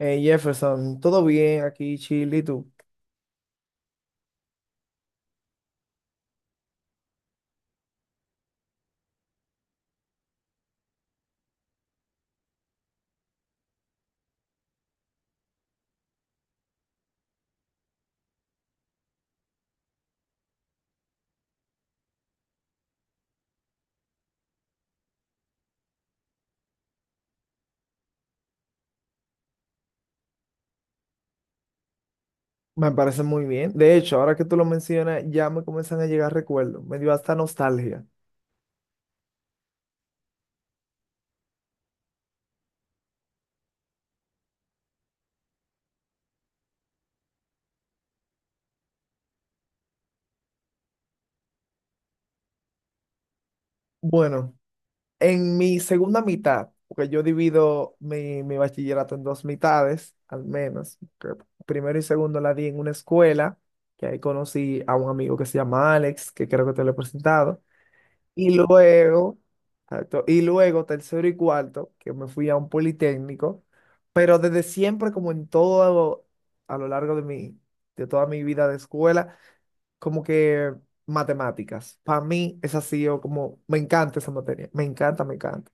Jefferson, todo bien aquí, Chile, ¿y tú? Me parece muy bien. De hecho, ahora que tú lo mencionas, ya me comienzan a llegar recuerdos. Me dio hasta nostalgia. Bueno, en mi segunda mitad, porque yo divido mi bachillerato en dos mitades, al menos. Que primero y segundo la di en una escuela, que ahí conocí a un amigo que se llama Alex, que creo que te lo he presentado. Y luego, exacto, y luego tercero y cuarto, que me fui a un politécnico, pero desde siempre, como en todo a lo largo de toda mi vida de escuela, como que matemáticas. Para mí es así, yo como, me encanta esa materia, me encanta, me encanta.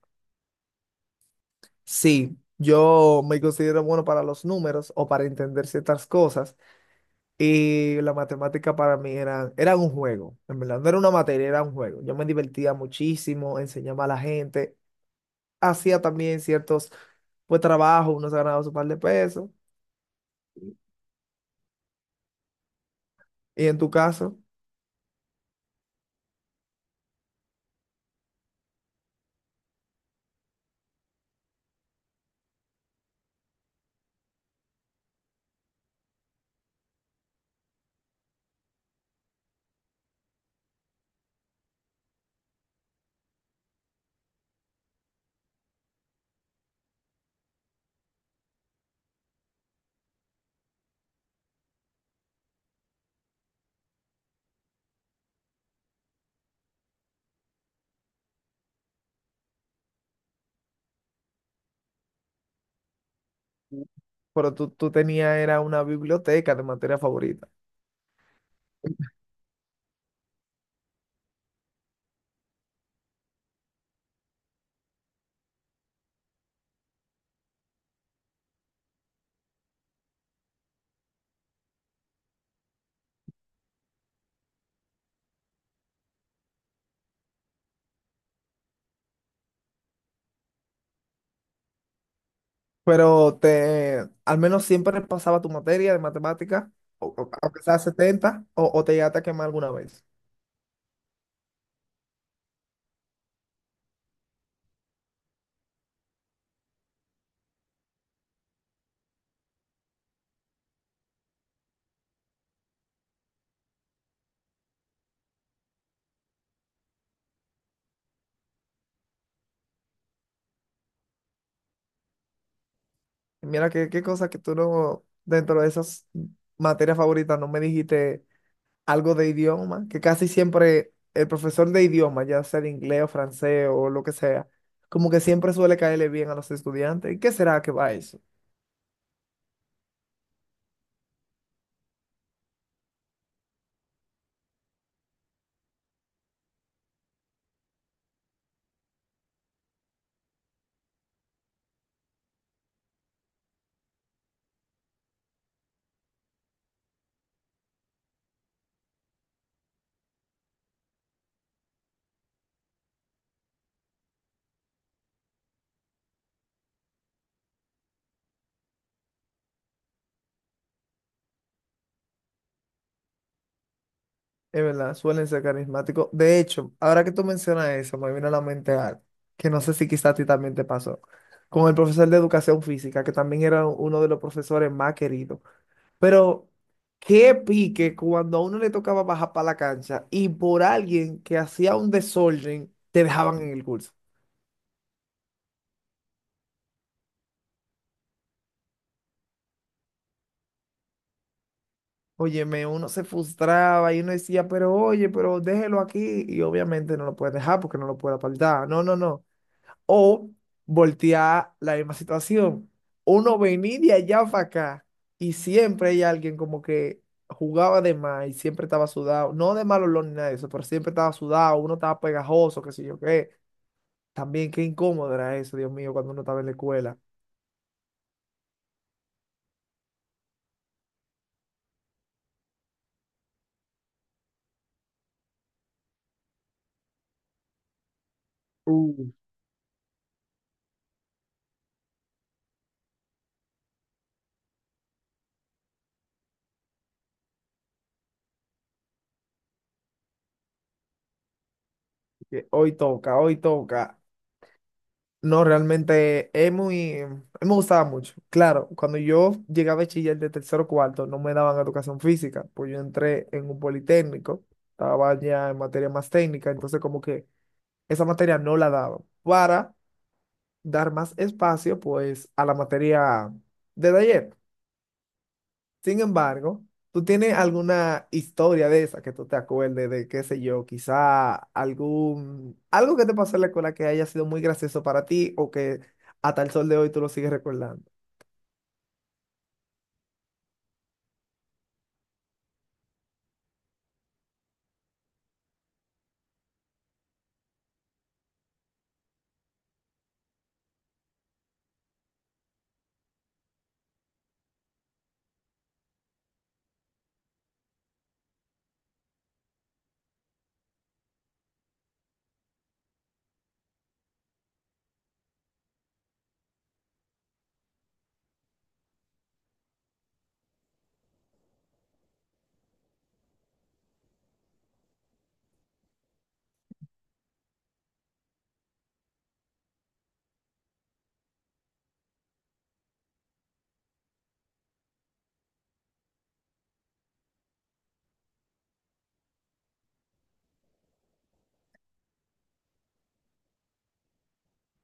Sí, yo me considero bueno para los números o para entender ciertas cosas, y la matemática para mí era un juego, en verdad, no era una materia, era un juego. Yo me divertía muchísimo, enseñaba a la gente. Hacía también ciertos pues trabajos, uno se ganaba su par de pesos. ¿Y en tu caso? Pero tú tenías era una biblioteca de materia favorita. Pero te, al menos siempre pasaba tu materia de matemática, aunque sea 70 o te llegaste a quemar alguna vez. Mira qué cosa que tú no, dentro de esas materias favoritas, no me dijiste algo de idioma, que casi siempre el profesor de idioma, ya sea de inglés o francés o lo que sea, como que siempre suele caerle bien a los estudiantes. ¿Y qué será que va eso? Es verdad, suelen ser carismáticos. De hecho, ahora que tú mencionas eso, me vino a la mente algo, que no sé si quizás a ti también te pasó, con el profesor de educación física, que también era uno de los profesores más queridos. Pero qué pique cuando a uno le tocaba bajar para la cancha y por alguien que hacía un desorden, te dejaban en el curso. Óyeme, uno se frustraba y uno decía, pero oye, pero déjelo aquí. Y obviamente no lo puedes dejar porque no lo puede apartar. No, no, no. O voltear la misma situación. Uno venía de allá para acá y siempre hay alguien como que jugaba de más y siempre estaba sudado. No de mal olor ni nada de eso, pero siempre estaba sudado. Uno estaba pegajoso, qué sé yo qué. También qué incómodo era eso, Dios mío, cuando uno estaba en la escuela. Uh, que hoy toca, hoy toca. No, realmente es muy, a mí me gustaba mucho. Claro, cuando yo llegué a bachiller de tercero o cuarto, no me daban educación física, pues yo entré en un politécnico, estaba ya en materia más técnica, entonces como que esa materia no la daban para dar más espacio pues a la materia de taller. Sin embargo, ¿tú tienes alguna historia de esa que tú te acuerdes de, qué sé yo, quizá algún, algo que te pasó en la escuela que haya sido muy gracioso para ti o que hasta el sol de hoy tú lo sigues recordando?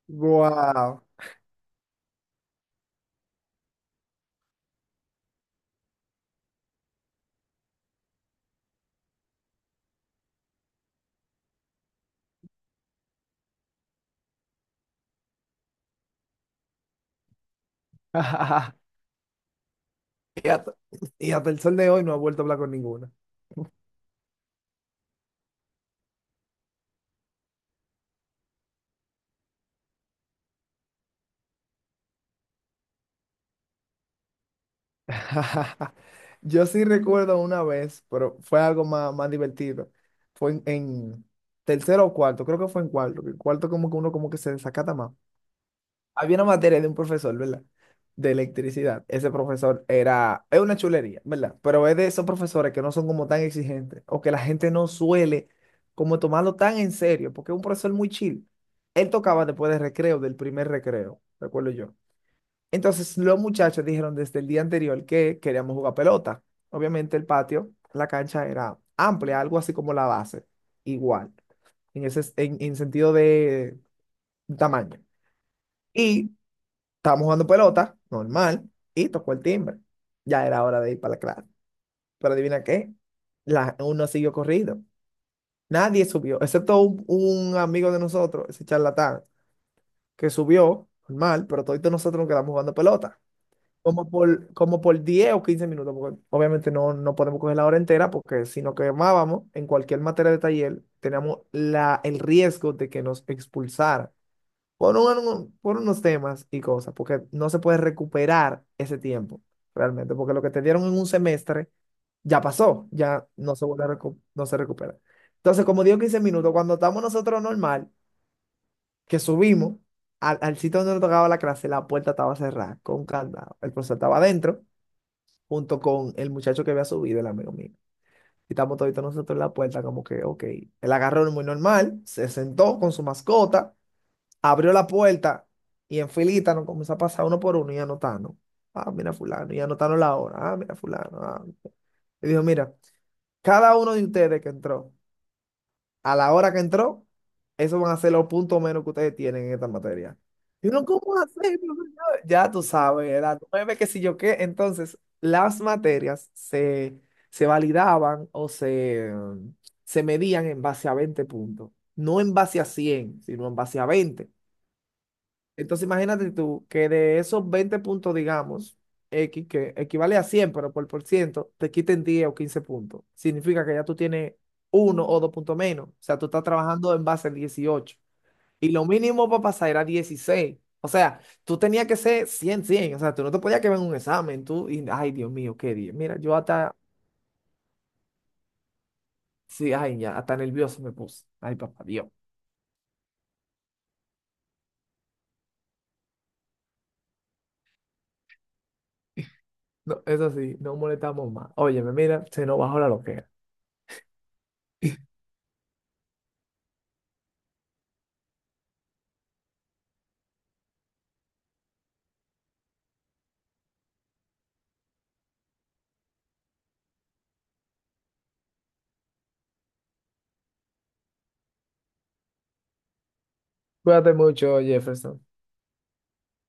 Wow. Y hasta, y hasta el sol de hoy no ha vuelto a hablar con ninguna. Yo sí recuerdo una vez, pero fue algo más, más divertido. Fue en tercero o cuarto, creo que fue en cuarto. Que en cuarto como que uno como que se desacata más. Había una materia de un profesor, ¿verdad? De electricidad. Ese profesor era, es una chulería, ¿verdad? Pero es de esos profesores que no son como tan exigentes o que la gente no suele como tomarlo tan en serio, porque es un profesor muy chill. Él tocaba después del recreo, del primer recreo, recuerdo yo. Entonces los muchachos dijeron desde el día anterior que queríamos jugar pelota. Obviamente el patio, la cancha era amplia, algo así como la base, igual, en ese, en sentido de tamaño. Y estábamos jugando pelota, normal, y tocó el timbre. Ya era hora de ir para la clase. Pero adivina qué, la, uno siguió corriendo. Nadie subió, excepto un amigo de nosotros, ese charlatán, que subió, normal, pero todos nosotros nos quedamos jugando pelota. Como por 10 o 15 minutos, porque obviamente no podemos coger la hora entera, porque si nos quemábamos en cualquier materia de taller, teníamos la, el riesgo de que nos expulsaran por, por unos temas y cosas, porque no se puede recuperar ese tiempo realmente, porque lo que te dieron en un semestre ya pasó, ya no se vuelve a no se recupera. Entonces, como digo 15 minutos, cuando estamos nosotros normal, que subimos al sitio donde nos tocaba la clase, la puerta estaba cerrada, con candado. El profesor estaba adentro, junto con el muchacho que había subido, el amigo mío. Y estamos toditos nosotros en la puerta, como que, ok. Él agarró muy normal, se sentó con su mascota, abrió la puerta y en filita nos comenzó a pasar uno por uno y anotando. Ah, mira fulano, y anotaron la hora. Ah, mira fulano. Ah, mira. Y dijo, mira, cada uno de ustedes que entró, a la hora que entró, esos van a ser los puntos menos que ustedes tienen en esta materia. Y uno, ¿cómo hacer? Ya tú sabes, era nueve que si yo qué. Entonces, se validaban o se medían en base a 20 puntos. No en base a 100 sino en base a veinte. Entonces imagínate tú que de esos 20 puntos, digamos, X, que equivale a 100 pero por ciento, te quiten 10 o 15 puntos. Significa que ya tú tienes uno o dos puntos menos. O sea, tú estás trabajando en base al 18. Y lo mínimo para pasar era 16. O sea, tú tenías que ser 100 cien. O sea, tú no te podías quedar en un examen. Tú, y, ay, Dios mío, qué día. Mira, yo hasta, sí, ay, ya, hasta nervioso me puse. Ay, papá, Dios. No, eso sí, no molestamos más. Óyeme, mira, se nos bajó la loquera. Cuídate mucho, Jefferson.